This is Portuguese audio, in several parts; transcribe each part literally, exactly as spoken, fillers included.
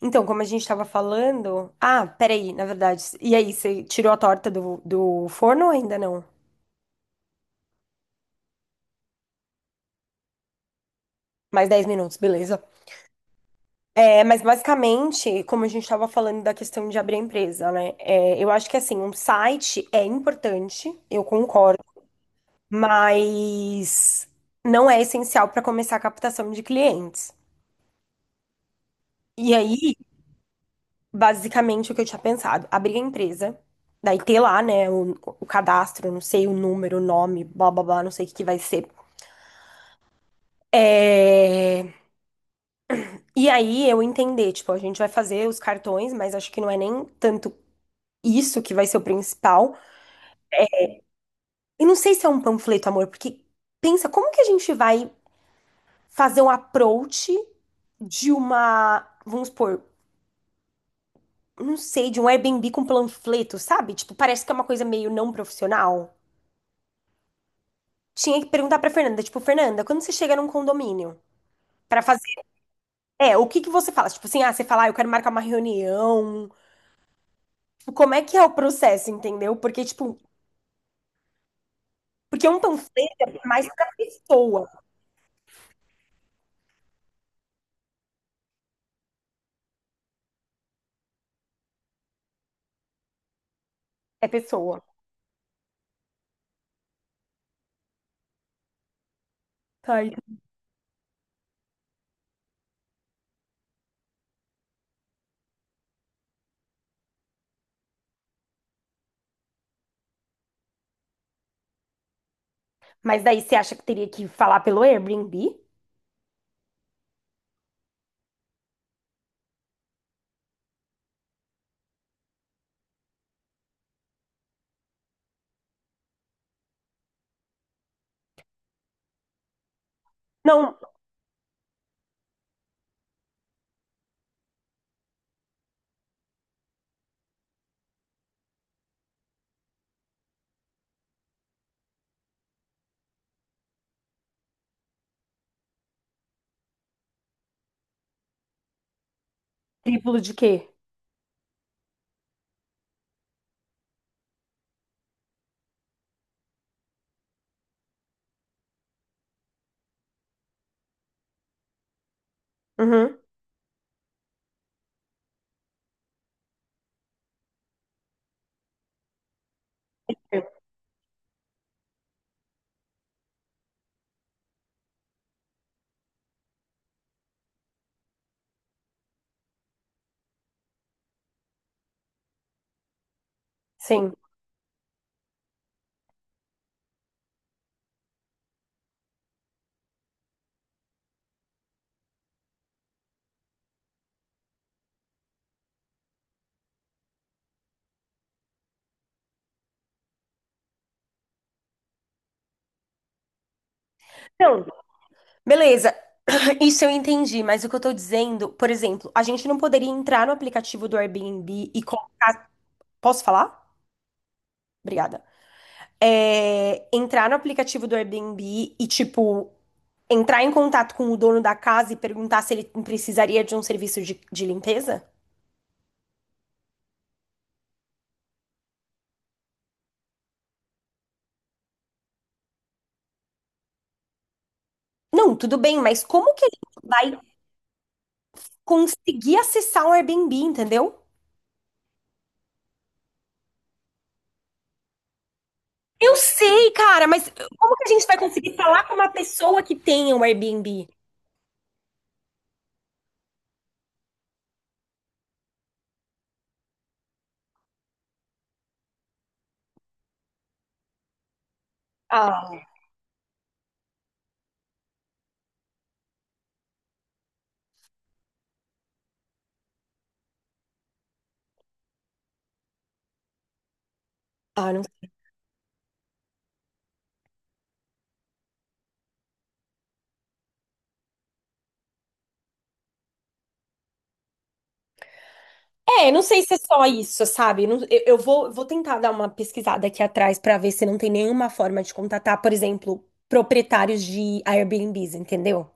Então, como a gente tava falando. Ah, peraí, na verdade. E aí, você tirou a torta do, do forno ou ainda não? Mais dez minutos, beleza. É, mas basicamente, como a gente estava falando da questão de abrir a empresa, né? É, eu acho que assim, um site é importante, eu concordo, mas não é essencial para começar a captação de clientes. E aí, basicamente, o que eu tinha pensado, abrir a empresa, daí ter lá, né, o, o cadastro, não sei o número, o nome, blá blá blá, não sei o que que vai ser. É, e aí eu entender, tipo, a gente vai fazer os cartões, mas acho que não é nem tanto isso que vai ser o principal. E não sei se é um panfleto, amor, porque pensa, como que a gente vai fazer um approach de uma, vamos supor, não sei, de um Airbnb com panfleto, sabe? Tipo, parece que é uma coisa meio não profissional. Tinha que perguntar pra Fernanda, tipo, Fernanda, quando você chega num condomínio pra fazer, é, o que que você fala? Tipo assim, ah, você fala, ah, eu quero marcar uma reunião. Tipo, como é que é o processo, entendeu? Porque, tipo, porque um panfleto é mais pra pessoa. É pessoa. Tá aí. Mas daí você acha que teria que falar pelo Airbnb? Não, triplo de quê? Uhum. Sim. Não, beleza. Isso eu entendi, mas o que eu tô dizendo, por exemplo, a gente não poderia entrar no aplicativo do Airbnb e colocar. Posso falar? Obrigada. É, entrar no aplicativo do Airbnb e, tipo, entrar em contato com o dono da casa e perguntar se ele precisaria de um serviço de, de limpeza? Não, tudo bem, mas como que a gente vai conseguir acessar o Airbnb, entendeu? Eu sei, cara, mas como que a gente vai conseguir falar com uma pessoa que tenha um Airbnb? Ah, ah, não. É, não sei se é só isso, sabe? Não- eu, eu vou, vou tentar dar uma pesquisada aqui atrás pra ver se não tem nenhuma forma de contatar, por exemplo, proprietários de Airbnbs, entendeu?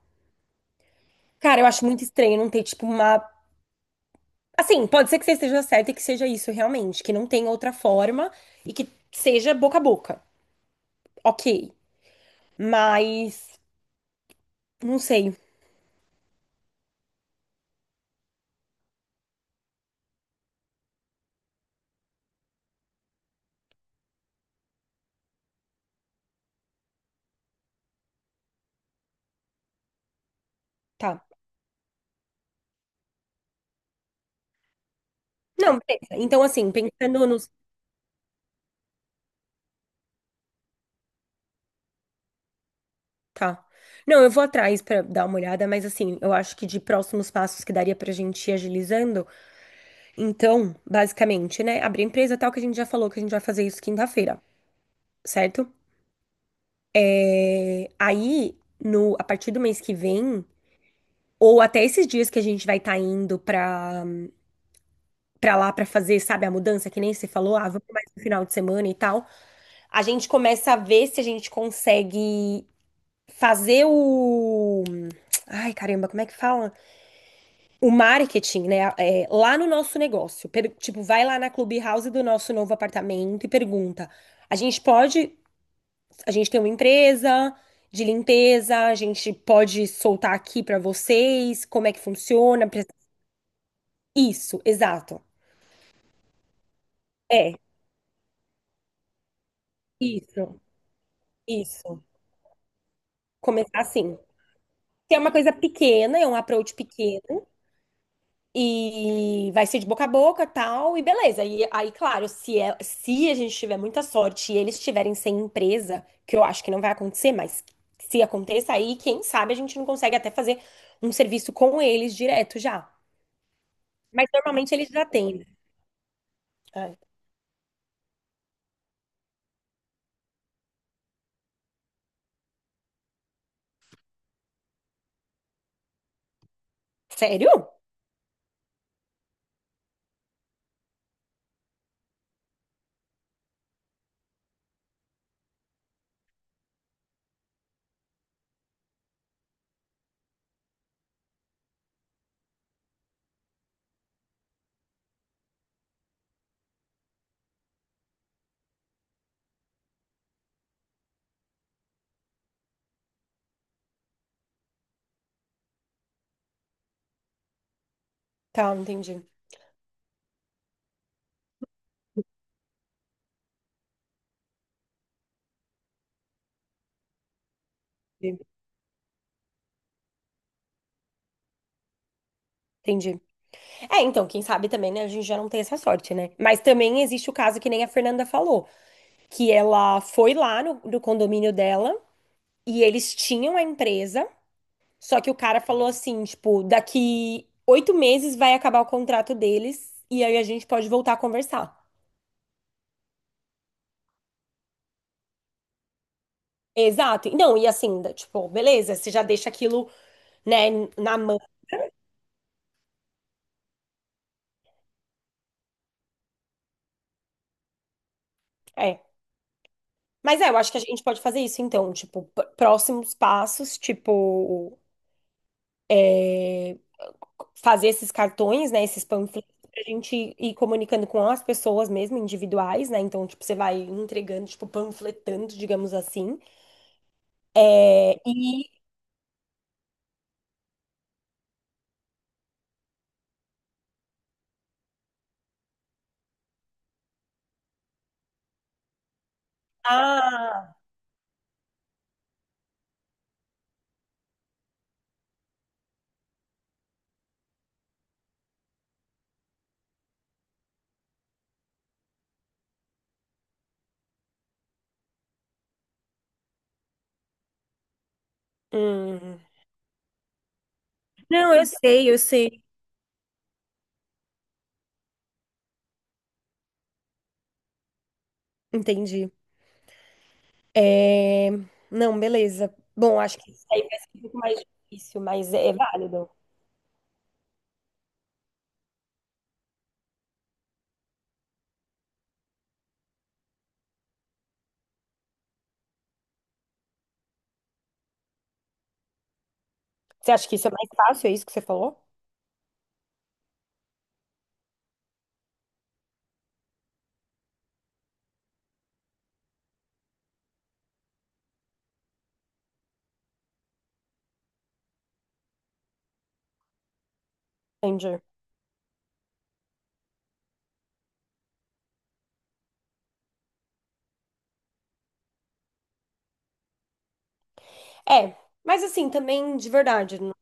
Cara, eu acho muito estranho não ter, tipo, uma. Assim, pode ser que você esteja certa e que seja isso realmente, que não tem outra forma e que seja boca a boca. Ok, mas não sei, tá. Não, beleza. Então, assim, pensando nos. Tá. Não, eu vou atrás pra dar uma olhada, mas assim, eu acho que de próximos passos que daria pra gente ir agilizando. Então, basicamente, né, abrir a empresa tal que a gente já falou que a gente vai fazer isso quinta-feira, certo? Aí, no a partir do mês que vem, ou até esses dias que a gente vai estar indo pra para lá pra fazer, sabe, a mudança que nem você falou, ah, vamos mais no final de semana e tal. A gente começa a ver se a gente consegue fazer o. Ai, caramba, como é que fala? O marketing, né? É, lá no nosso negócio. Per- Tipo, vai lá na Clubhouse do nosso novo apartamento e pergunta. A gente pode. A gente tem uma empresa de limpeza, a gente pode soltar aqui pra vocês como é que funciona. pre- Isso, exato. É, isso, isso. Começar assim. Que é uma coisa pequena, é um approach pequeno. E vai ser de boca a boca, tal, e beleza. E aí, claro, se, é, se a gente tiver muita sorte e eles estiverem sem empresa, que eu acho que não vai acontecer, mas se aconteça aí, quem sabe a gente não consegue até fazer um serviço com eles direto já. Mas normalmente eles já têm, né? É. Sério? Tá, entendi. Entendi. É, então, quem sabe também, né? A gente já não tem essa sorte, né? Mas também existe o caso que nem a Fernanda falou, que ela foi lá no, no condomínio dela e eles tinham a empresa. Só que o cara falou assim, tipo, daqui oito meses vai acabar o contrato deles e aí a gente pode voltar a conversar. Exato. Não, e assim, da- tipo, beleza, você já deixa aquilo, né, na mão. É. Mas é, eu acho que a gente pode fazer isso então, tipo, pr- próximos passos, tipo, fazer esses cartões, né, esses panfletos pra gente ir comunicando com as pessoas mesmo, individuais, né? Então, tipo, você vai entregando, tipo, panfletando, digamos assim. É, e ah, hum. Não, eu sei, eu sei. Entendi. É... Não, beleza. Bom, acho que isso aí vai ser um pouco mais difícil, mas é é válido. Você acha que isso é mais fácil? É isso que você falou? Entendi. É, mas assim, também de verdade. Né?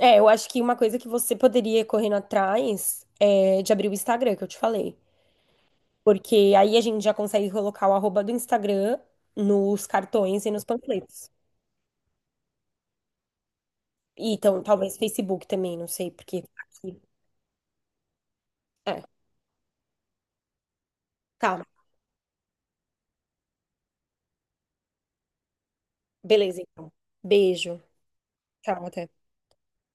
É, eu acho que uma coisa que você poderia ir correndo atrás é de abrir o Instagram, que eu te falei. Porque aí a gente já consegue colocar o arroba do Instagram nos cartões e nos panfletos. E então, talvez Facebook também, não sei, porque aqui. É, tá. Beleza, então. Beijo. Tchau, até.